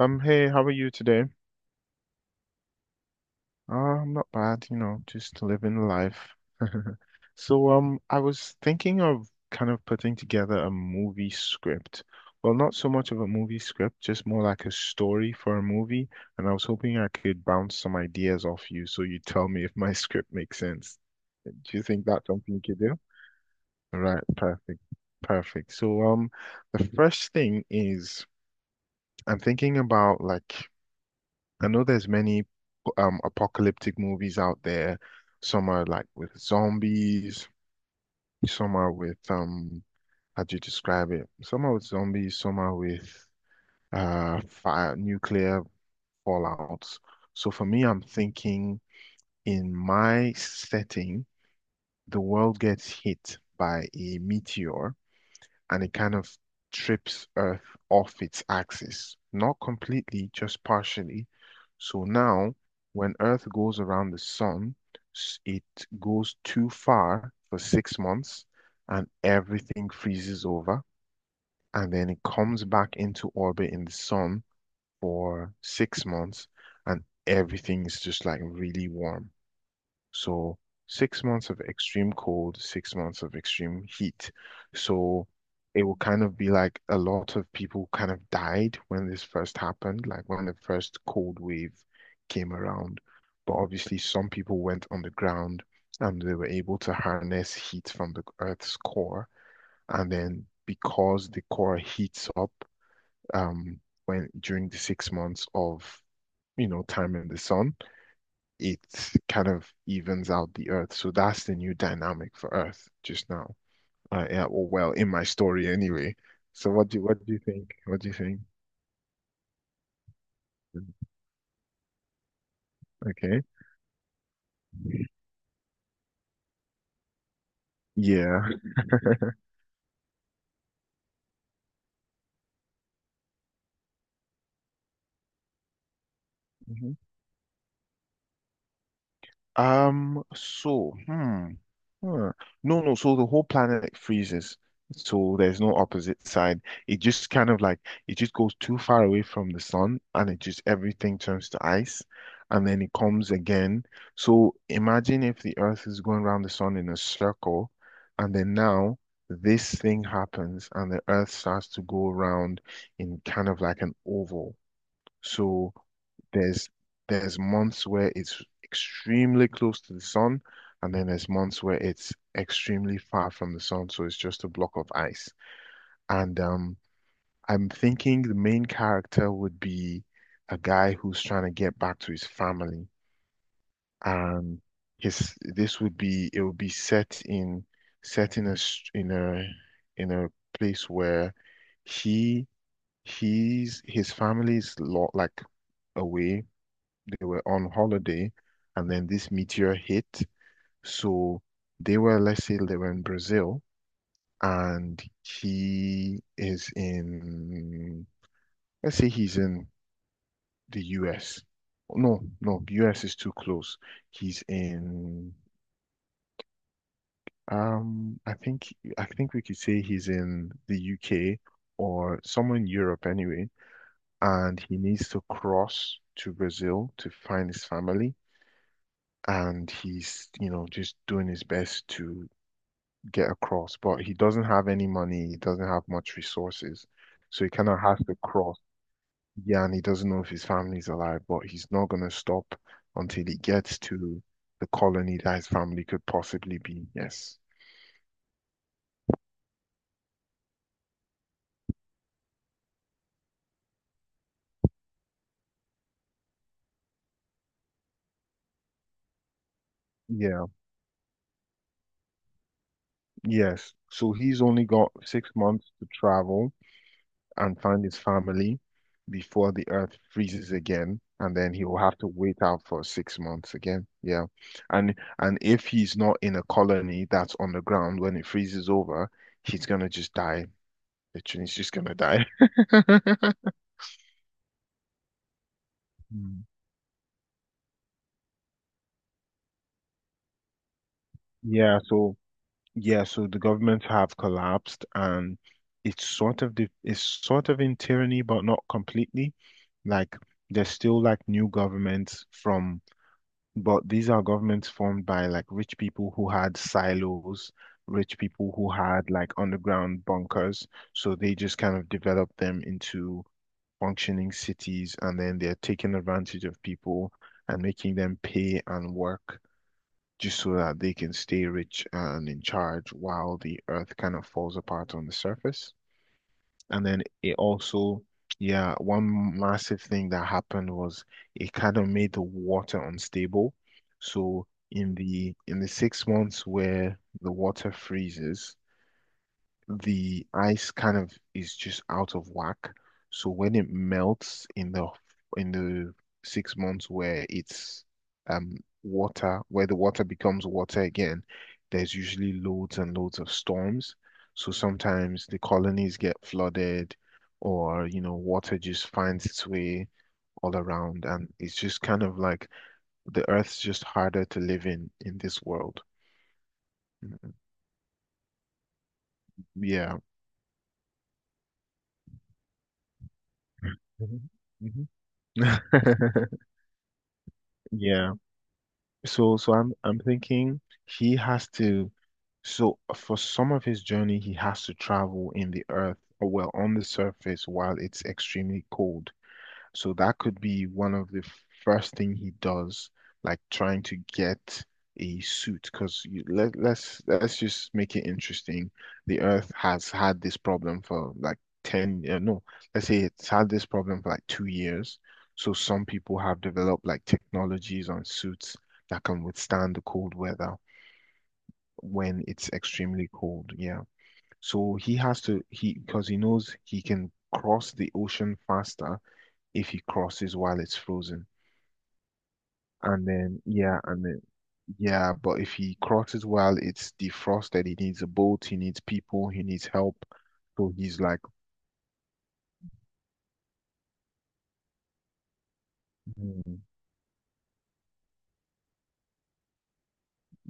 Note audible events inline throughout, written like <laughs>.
Hey, how are you today? I'm not bad, just living life. <laughs> So, I was thinking of kind of putting together a movie script. Well, not so much of a movie script, just more like a story for a movie. And I was hoping I could bounce some ideas off you so you tell me if my <laughs> script makes sense. Do you think that's something you could do? Right, perfect. Perfect. So, the first thing is I'm thinking about, like, I know there's many apocalyptic movies out there. Some are like with zombies, some are with how do you describe it? Some are with zombies, some are with fire nuclear fallouts. So for me, I'm thinking in my setting, the world gets hit by a meteor and it kind of trips Earth off its axis. Not completely, just partially. So now, when Earth goes around the sun, it goes too far for 6 months and everything freezes over. And then it comes back into orbit in the sun for 6 months and everything is just like really warm. So 6 months of extreme cold, 6 months of extreme heat. So it will kind of be like a lot of people kind of died when this first happened, like when the first cold wave came around. But obviously, some people went on the ground and they were able to harness heat from the Earth's core. And then because the core heats up um, when during the 6 months of time in the sun, it kind of evens out the earth. So that's the new dynamic for Earth just now. Yeah, or well, in my story anyway. So what do you think? What do you think? Okay. Yeah. Mhm. So, Huh. No, no. So the whole planet freezes. So there's no opposite side. It just kind of, like, it just goes too far away from the sun and it just everything turns to ice and then it comes again. So imagine if the earth is going around the sun in a circle and then now this thing happens and the earth starts to go around in kind of like an oval. So there's there's months where it's extremely close to the sun, and then there's months where it's extremely far from the sun, so it's just a block of ice. And I'm thinking the main character would be a guy who's trying to get back to his family, and his this would be it would be set in a in a place where he he's his family's lot, like, away, they were on holiday and then this meteor hit. So they were, let's say they were in Brazil and he is in, let's say he's in the US. No, no, US is too close. He's in, I think we could say he's in the UK or somewhere in Europe anyway, and he needs to cross to Brazil to find his family. And he's, just doing his best to get across, but he doesn't have any money, he doesn't have much resources, so he kind of has to cross. Yeah, and he doesn't know if his family's alive, but he's not going to stop until he gets to the colony that his family could possibly be. Yes. Yeah, yes. So he's only got 6 months to travel. And find his family before the earth freezes again, and then he will have to wait out for 6 months again. Yeah. And if he's not in a colony that's on the ground when it freezes over, he's gonna just die. Literally, he's just gonna die. <laughs> Mm. Yeah, so, yeah, so the governments have collapsed and it's sort of in tyranny, but not completely. Like there's still, like, new governments from But these are governments formed by, like, rich people who had silos, rich people who had, like, underground bunkers. So they just kind of develop them into functioning cities and then they're taking advantage of people and making them pay and work just so that they can stay rich and in charge while the earth kind of falls apart on the surface. And then it also, yeah, one massive thing that happened was it kind of made the water unstable. So in the 6 months where the water freezes, the ice kind of is just out of whack. So when it melts in the 6 months where it's um water, where the water becomes water again, there's usually loads and loads of storms. So sometimes the colonies get flooded or water just finds its way all around and it's just kind of like the earth's just harder to live in this world. Mhm. Yeah. Mhm. Mhm. <laughs> Yeah. So, I'm thinking he has to. So for some of his journey, he has to travel in the earth, or well, on the surface while it's extremely cold. So that could be one of the first thing he does, like trying to get a suit. Because let's just make it interesting. The Earth has had this problem for like 10, no, let's say it's had this problem for like 2 years. So some people have developed like technologies on suits that can withstand the cold weather when it's extremely cold. Yeah. So he has to he, because he knows he can cross the ocean faster if he crosses while it's frozen. And then, yeah, but if he crosses while it's defrosted, he needs a boat, he needs people, he needs help. So he's like, "Hmm,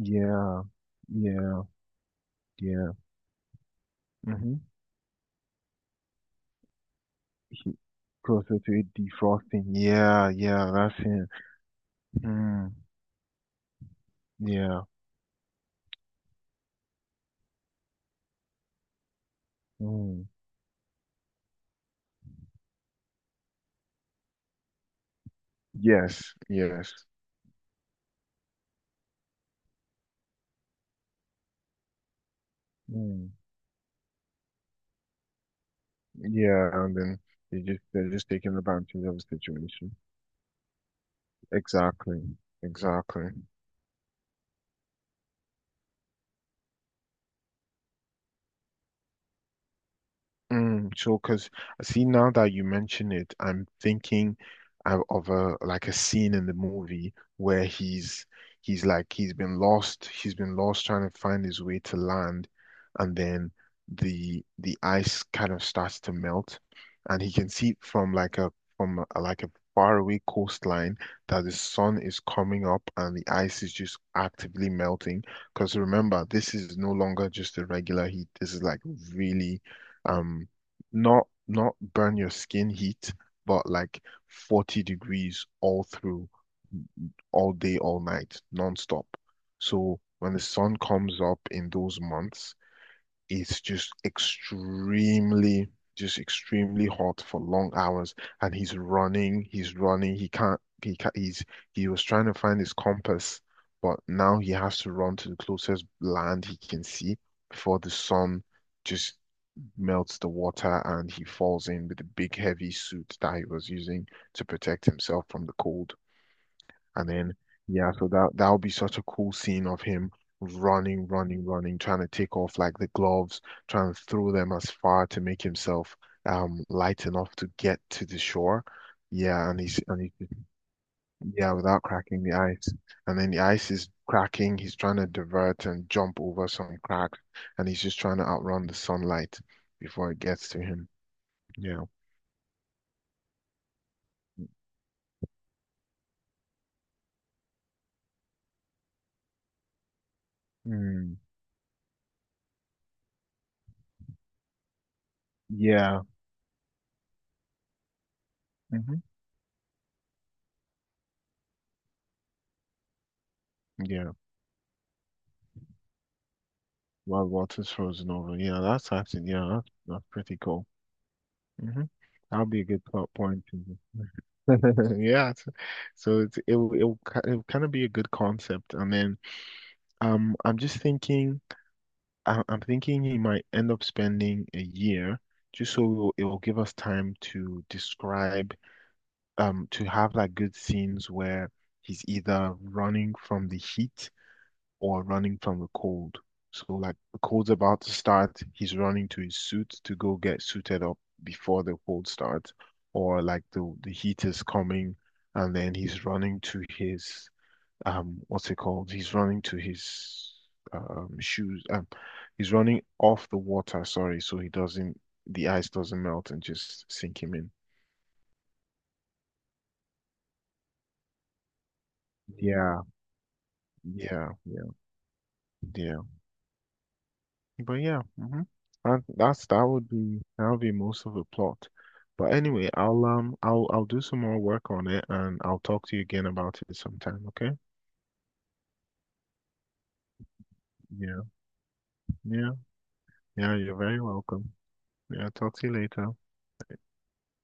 yeah, yeah, yeah." Mm-hmm. He, Closer to it defrosting. Yeah, yeah, that's him. Mm, yeah. Mm. Yes, yes. Mm. Yeah, and then they're just taking advantage of the situation. Exactly, exactly. Mm, so, because I see now that you mention it, I'm thinking of a, like, a scene in the movie where he's like he's been lost trying to find his way to land, and then the ice kind of starts to melt, and he can see from like a from a, like a faraway coastline that the sun is coming up and the ice is just actively melting. Because remember, this is no longer just a regular heat. This is like really, um not burn your skin heat, but like 40 degrees all through, all day, all night, non-stop. So when the sun comes up in those months, it's just extremely, hot for long hours. And he's running, he's running, he can't, he was trying to find his compass, but now he has to run to the closest land he can see before the sun just melts the water and he falls in with a big heavy suit that he was using to protect himself from the cold. And then, yeah, so that would be such a cool scene of him running, running, running, trying to take off, like, the gloves, trying to throw them as far to make himself light enough to get to the shore. Yeah, and he's yeah, without cracking the ice. And then the ice is cracking, he's trying to divert and jump over some crack, and he's just trying to outrun the sunlight before it gets to him. Yeah. Mm. Yeah. hmm Yeah. While water's frozen over. Yeah, that's actually, yeah, that's pretty cool. hmm That'll be a good plot point. <laughs> Yeah. So, it's, it'll kind of be a good concept. And then I'm just thinking, I'm thinking he might end up spending a year just so it'll give us time to describe, to have like good scenes where he's either running from the heat or running from the cold. So like the cold's about to start, he's running to his suit to go get suited up before the cold starts, or like the heat is coming and then he's running to his what's it called? He's running to his shoes, he's running off the water, sorry, so he doesn't the ice doesn't melt and just sink him in. Yeah. Yeah, yeah, yeah. But yeah, And that's that would be most of the plot. But anyway, I'll do some more work on it and I'll talk to you again about it sometime, okay? Yeah, yeah, yeah, you're very welcome. Yeah, talk to you later.